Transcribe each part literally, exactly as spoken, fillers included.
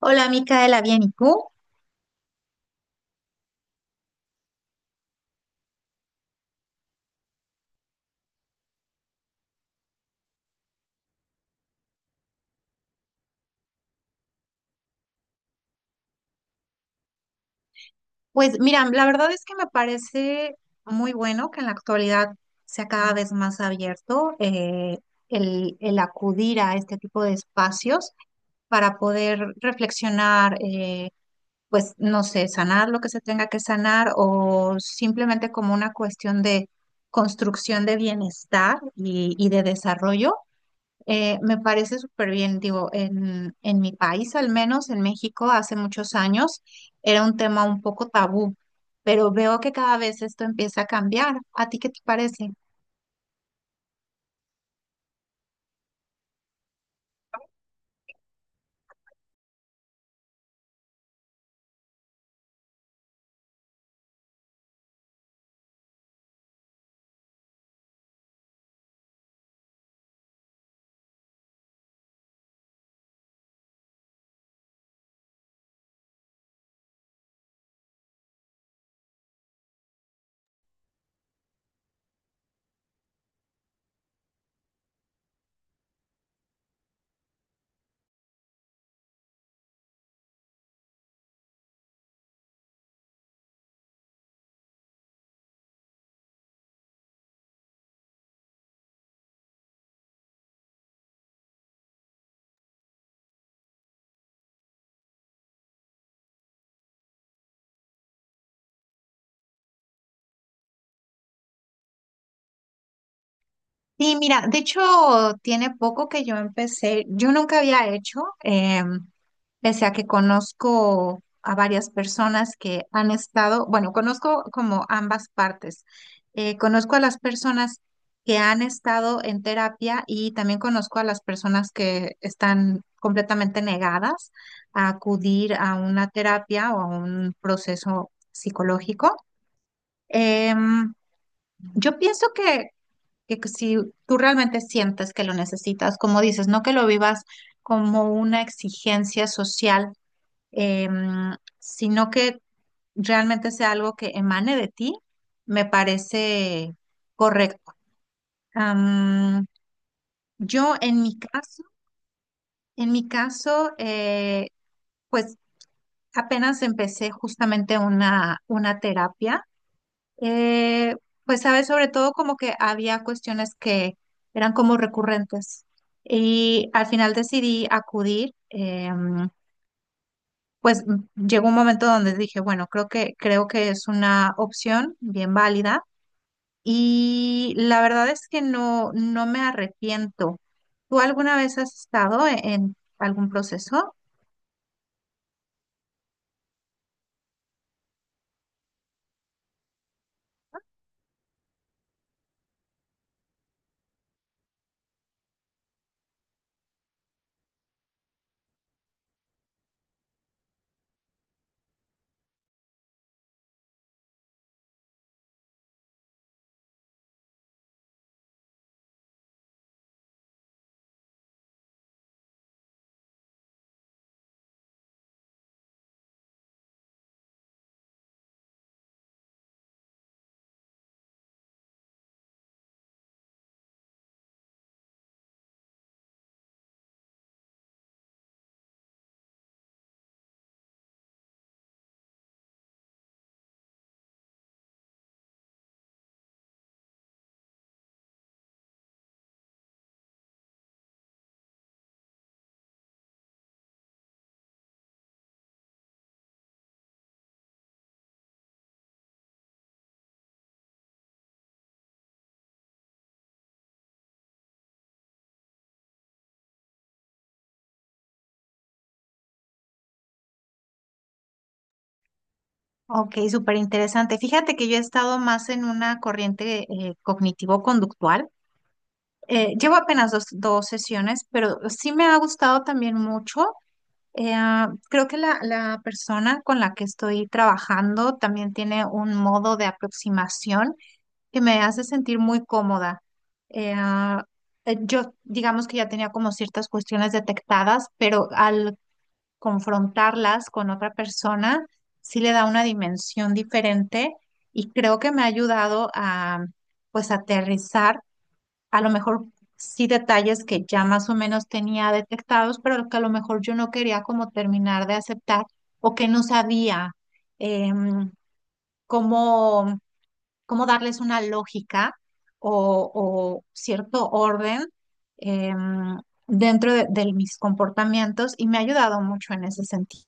Hola, Micaela, bien, ¿y tú? Pues mira, la verdad es que me parece muy bueno que en la actualidad sea cada vez más abierto eh, el, el acudir a este tipo de espacios para poder reflexionar, eh, pues no sé, sanar lo que se tenga que sanar o simplemente como una cuestión de construcción de bienestar y, y de desarrollo. Eh, me parece súper bien, digo, en, en mi país, al menos en México, hace muchos años era un tema un poco tabú, pero veo que cada vez esto empieza a cambiar. ¿A ti qué te parece? Sí, mira, de hecho, tiene poco que yo empecé, yo nunca había hecho. em, pese a que conozco a varias personas que han estado, bueno, conozco como ambas partes. Eh, conozco a las personas que han estado en terapia y también conozco a las personas que están completamente negadas a acudir a una terapia o a un proceso psicológico. Em, yo pienso que, que si tú realmente sientes que lo necesitas, como dices, no que lo vivas como una exigencia social em, sino que realmente sea algo que emane de ti, me parece correcto. Am, yo en mi caso, en mi caso, eh, pues apenas empecé justamente una, una terapia. eh, pues sabes, sobre todo como que había cuestiones que eran como recurrentes y al final decidí acudir. Em, pues mm, llegó un momento donde dije, bueno, creo que, creo que es una opción bien válida y la verdad es que no, no me arrepiento. ¿Tú alguna vez has estado e- en algún proceso? Ok, súper interesante. Fíjate que yo he estado más en una corriente eh, cognitivo-conductual. Eh, llevo apenas dos, dos sesiones, pero sí me ha gustado también mucho. Eh, ah, creo que la, la persona con la que estoy trabajando también tiene un modo de aproximación que me hace sentir muy cómoda. Eh, ah, eh, yo, digamos que ya tenía como ciertas cuestiones detectadas, pero al confrontarlas con otra persona, sí le da una dimensión diferente y creo que me ha ayudado a, pues, aterrizar, a lo mejor sí detalles que ya más o menos tenía detectados, pero que a lo mejor yo no quería como terminar de aceptar o que no sabía. em, cómo cómo darles una lógica o, o cierto orden eh, dentro de, de mis comportamientos y me ha ayudado mucho en ese sentido.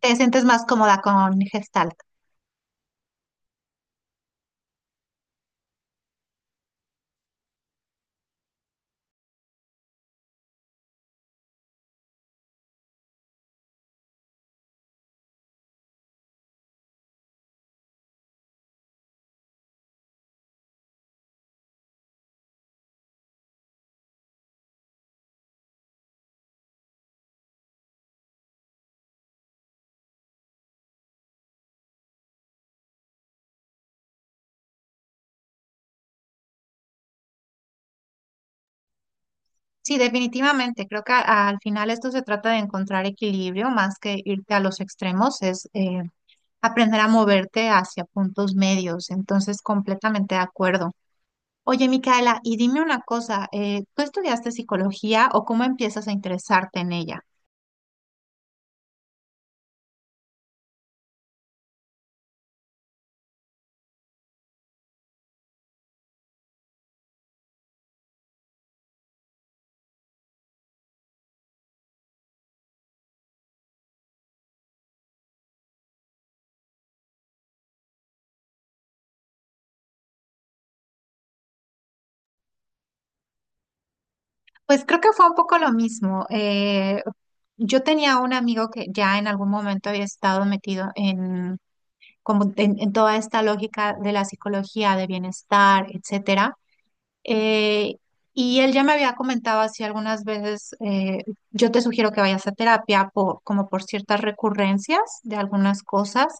¿Te sientes más cómoda con Gestalt? Sí, definitivamente. Creo que a- al final esto se trata de encontrar equilibrio más que irte a los extremos, es eh, aprender a moverte hacia puntos medios. Entonces, completamente de acuerdo. Oye, Micaela, y dime una cosa, eh, ¿tú estudiaste psicología o cómo empiezas a interesarte en ella? Pues creo que fue un poco lo mismo. Eh, yo tenía un amigo que ya en algún momento había estado metido en, como en, en toda esta lógica de la psicología, de bienestar, etcétera. Eh, y él ya me había comentado así algunas veces, eh, yo te sugiero que vayas a terapia por, como por ciertas recurrencias de algunas cosas.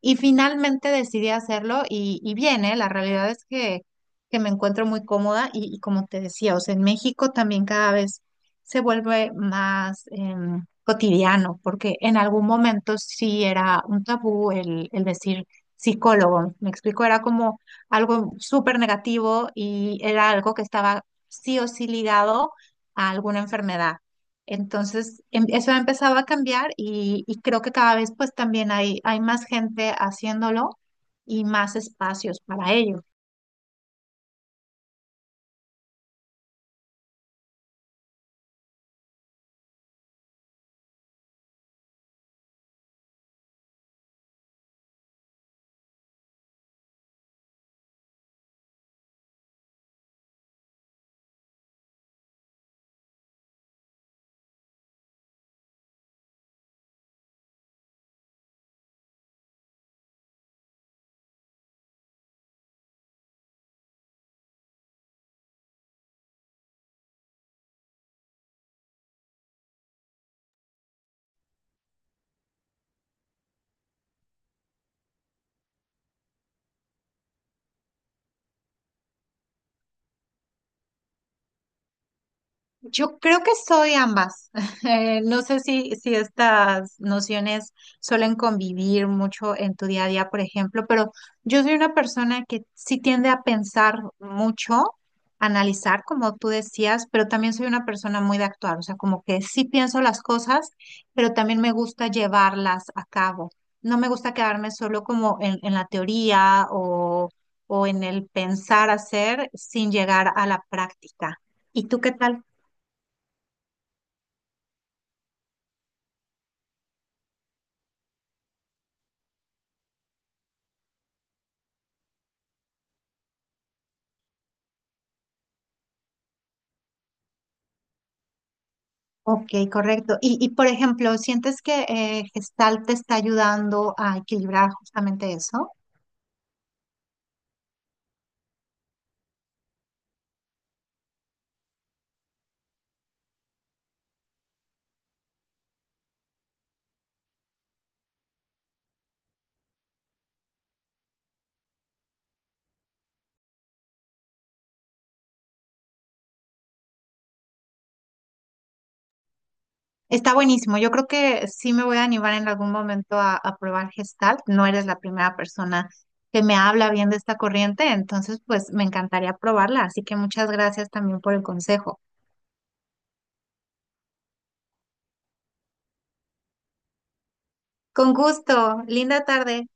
Y finalmente decidí hacerlo y, y bien, ¿eh? La realidad es que, que me encuentro muy cómoda y, y como te decía, o sea, en México también cada vez se vuelve más em, cotidiano, porque en algún momento sí era un tabú el, el decir psicólogo. Me explico, era como algo súper negativo y era algo que estaba sí o sí ligado a alguna enfermedad. Entonces, em- eso ha empezado a cambiar y, y creo que cada vez pues también hay, hay más gente haciéndolo y más espacios para ello. Yo creo que soy ambas. Eh, no sé si, si estas nociones suelen convivir mucho en tu día a día, por ejemplo, pero yo soy una persona que sí tiende a pensar mucho, analizar, como tú decías, pero también soy una persona muy de actuar, o sea, como que sí pienso las cosas, pero también me gusta llevarlas a cabo. No me gusta quedarme solo como en, en la teoría o, o en el pensar hacer sin llegar a la práctica. ¿Y tú qué tal? Ok, correcto. Y, y por ejemplo, ¿sientes que eh, Gestalt te está ayudando a equilibrar justamente eso? Está buenísimo. Yo creo que sí me voy a animar en algún momento a, a probar Gestalt. No eres la primera persona que me habla bien de esta corriente, entonces pues me encantaría probarla. Así que muchas gracias también por el consejo. Con gusto. Linda tarde.